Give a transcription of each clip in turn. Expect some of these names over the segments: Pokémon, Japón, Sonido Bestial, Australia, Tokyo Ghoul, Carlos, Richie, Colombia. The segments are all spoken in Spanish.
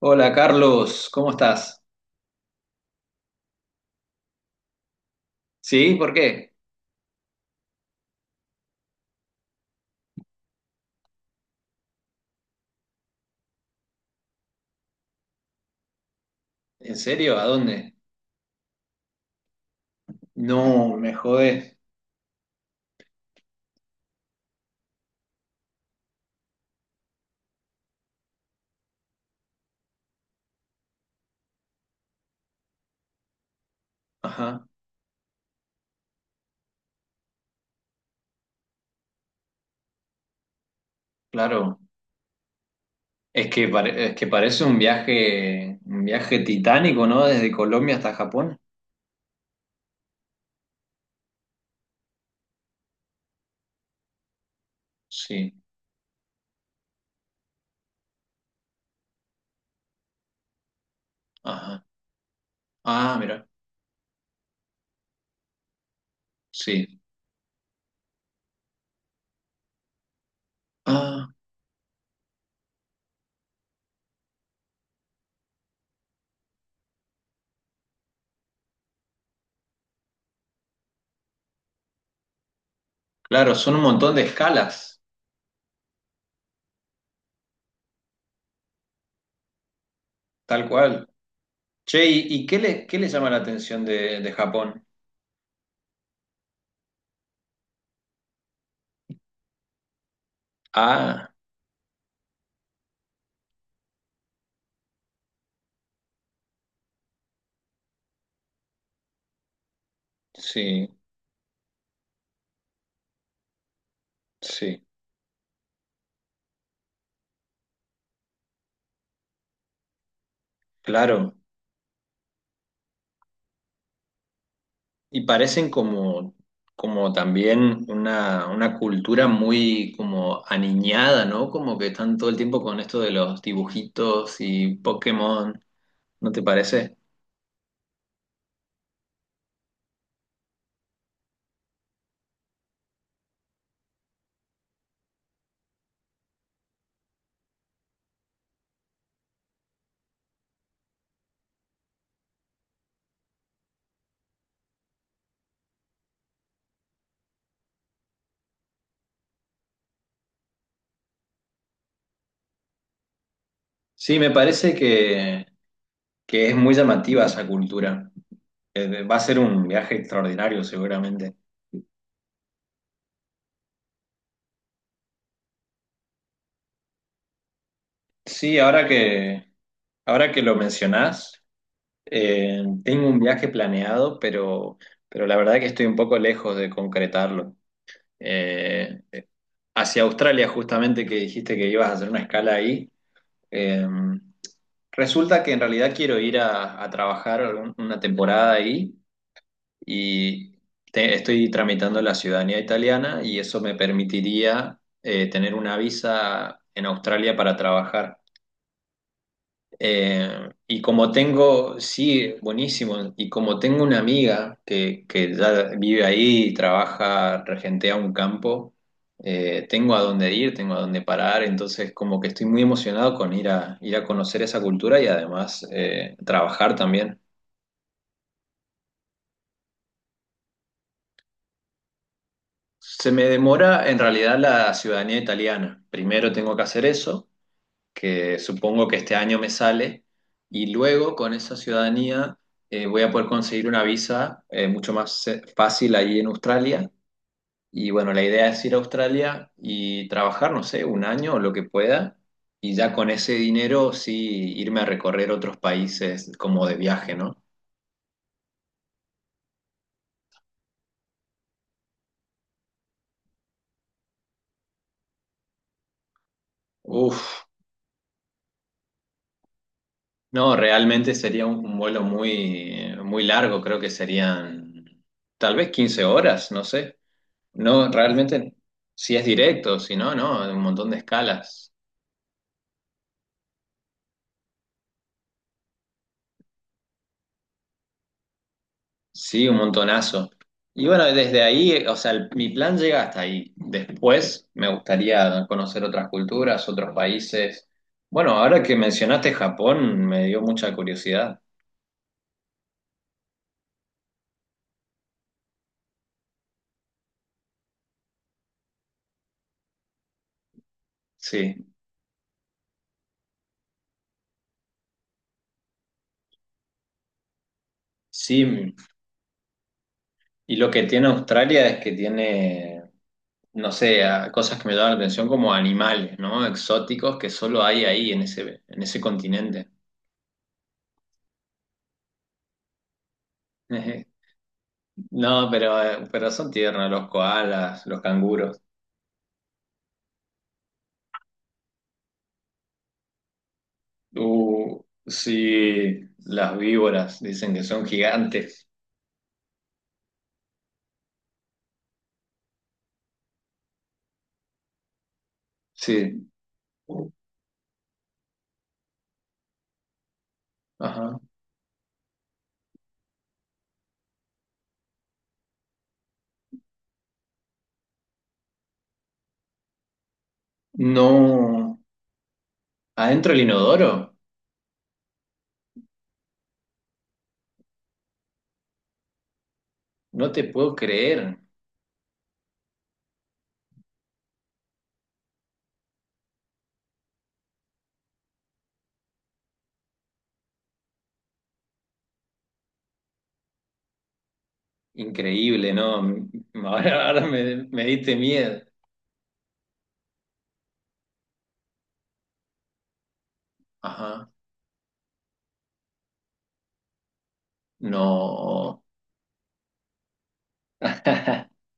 Hola Carlos, ¿cómo estás? ¿Sí? ¿Por qué? ¿En serio? ¿A dónde? No, me jodés. Ajá, claro. Es que parece un viaje titánico, ¿no? Desde Colombia hasta Japón. Sí. Ajá. Ah, mira. Sí. Ah, claro, son un montón de escalas, tal cual. Che, ¿y qué le llama la atención de Japón? Ah, sí, sí, claro. Y parecen como, como también una cultura muy como aniñada, ¿no? Como que están todo el tiempo con esto de los dibujitos y Pokémon, ¿no te parece? Sí, me parece que es muy llamativa esa cultura. Va a ser un viaje extraordinario seguramente. Sí, ahora que lo mencionás, tengo un viaje planeado, pero la verdad que estoy un poco lejos de concretarlo. Eh, hacia Australia, justamente que dijiste que ibas a hacer una escala ahí. eh, Resulta que en realidad quiero ir a trabajar una temporada ahí y estoy tramitando la ciudadanía italiana y eso me permitiría tener una visa en Australia para trabajar. Y como tengo, sí, buenísimo, y como tengo una amiga que ya vive ahí y trabaja, regentea un campo, tengo a dónde ir, tengo a dónde parar, entonces como que estoy muy emocionado con ir ir a conocer esa cultura y además trabajar también. Se me demora en realidad la ciudadanía italiana. Primero tengo que hacer eso que supongo que este año me sale, y luego con esa ciudadanía voy a poder conseguir una visa mucho más fácil ahí en Australia. Y bueno, la idea es ir a Australia y trabajar, no sé, un año o lo que pueda, y ya con ese dinero sí irme a recorrer otros países como de viaje, ¿no? Uf, no, realmente sería un vuelo muy, muy largo, creo que serían tal vez 15 horas, no sé. No, realmente, si es directo, si no, no, un montón de escalas. Sí, un montonazo. Y bueno, desde ahí, o sea, mi plan llega hasta ahí. Después me gustaría conocer otras culturas, otros países. Bueno, ahora que mencionaste Japón, me dio mucha curiosidad. Sí, sí. Y lo que tiene Australia es que tiene, no sé, cosas que me llaman la atención como animales, ¿no? Exóticos que solo hay ahí en ese continente. No, pero son tiernos los koalas, los canguros. Sí, las víboras dicen que son gigantes. Sí. Ajá. No. ¿Adentro el inodoro? No te puedo creer. Increíble, ¿no? Ahora, me diste miedo. Ajá. No.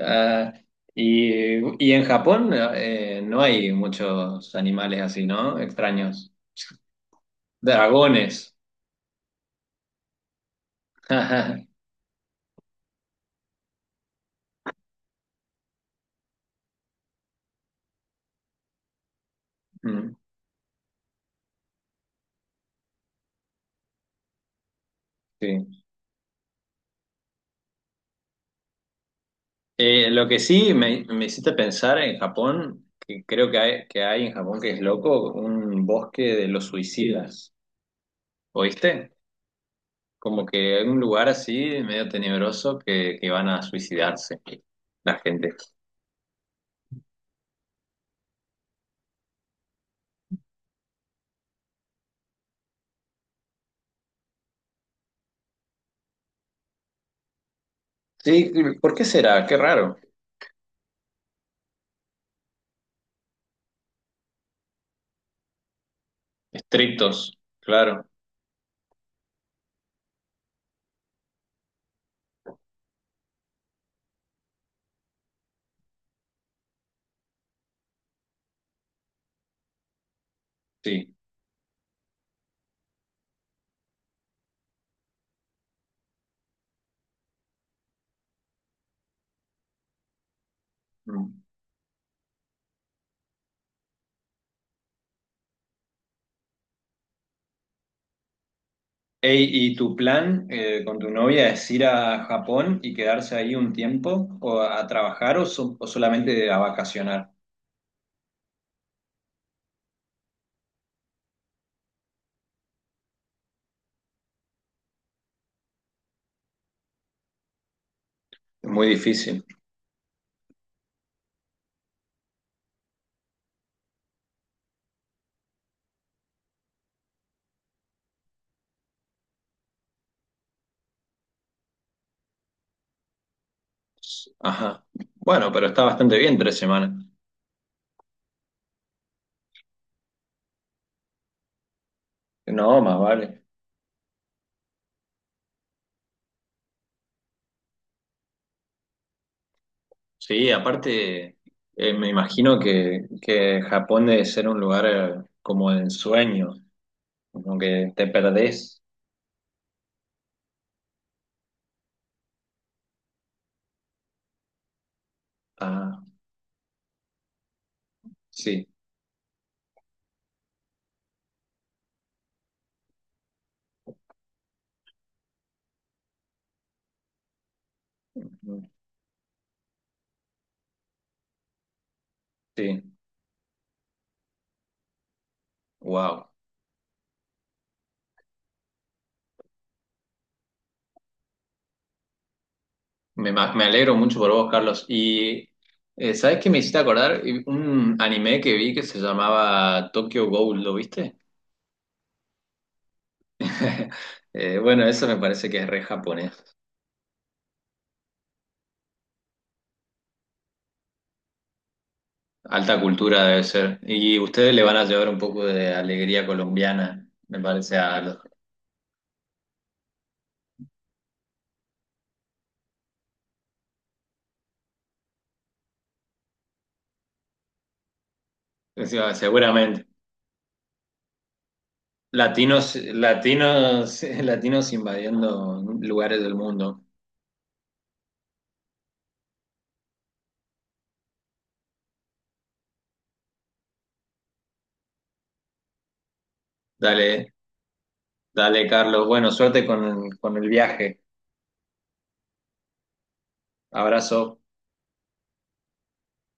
Ah, y, y en Japón no hay muchos animales así, ¿no? Extraños. Dragones. Ajá. Mm, sí. Lo que sí me hiciste pensar en Japón, que creo que hay en Japón que es loco, un bosque de los suicidas. ¿Oíste? Como que hay un lugar así, medio tenebroso, que van a suicidarse la gente. Sí, ¿por qué será? Qué raro. Estrictos, claro, sí. Mm. Ey, ¿y tu plan con tu novia es ir a Japón y quedarse ahí un tiempo o a trabajar o solamente a vacacionar? Muy difícil. Ajá. Bueno, pero está bastante bien 3 semanas. No, más vale. Sí, aparte, me imagino que Japón debe ser un lugar como de ensueño, como que te perdés. Ah, sí, sí. Wow. Me alegro mucho por vos, Carlos. Y, ¿sabés qué me hiciste acordar? Un anime que vi que se llamaba Tokyo Ghoul, ¿lo viste? Bueno, eso me parece que es re japonés. Alta cultura debe ser. Y ustedes le van a llevar un poco de alegría colombiana, me parece a los- o sea, seguramente. Latinos, latinos, latinos invadiendo lugares del mundo. Dale, dale, Carlos. Bueno, suerte con el viaje. Abrazo.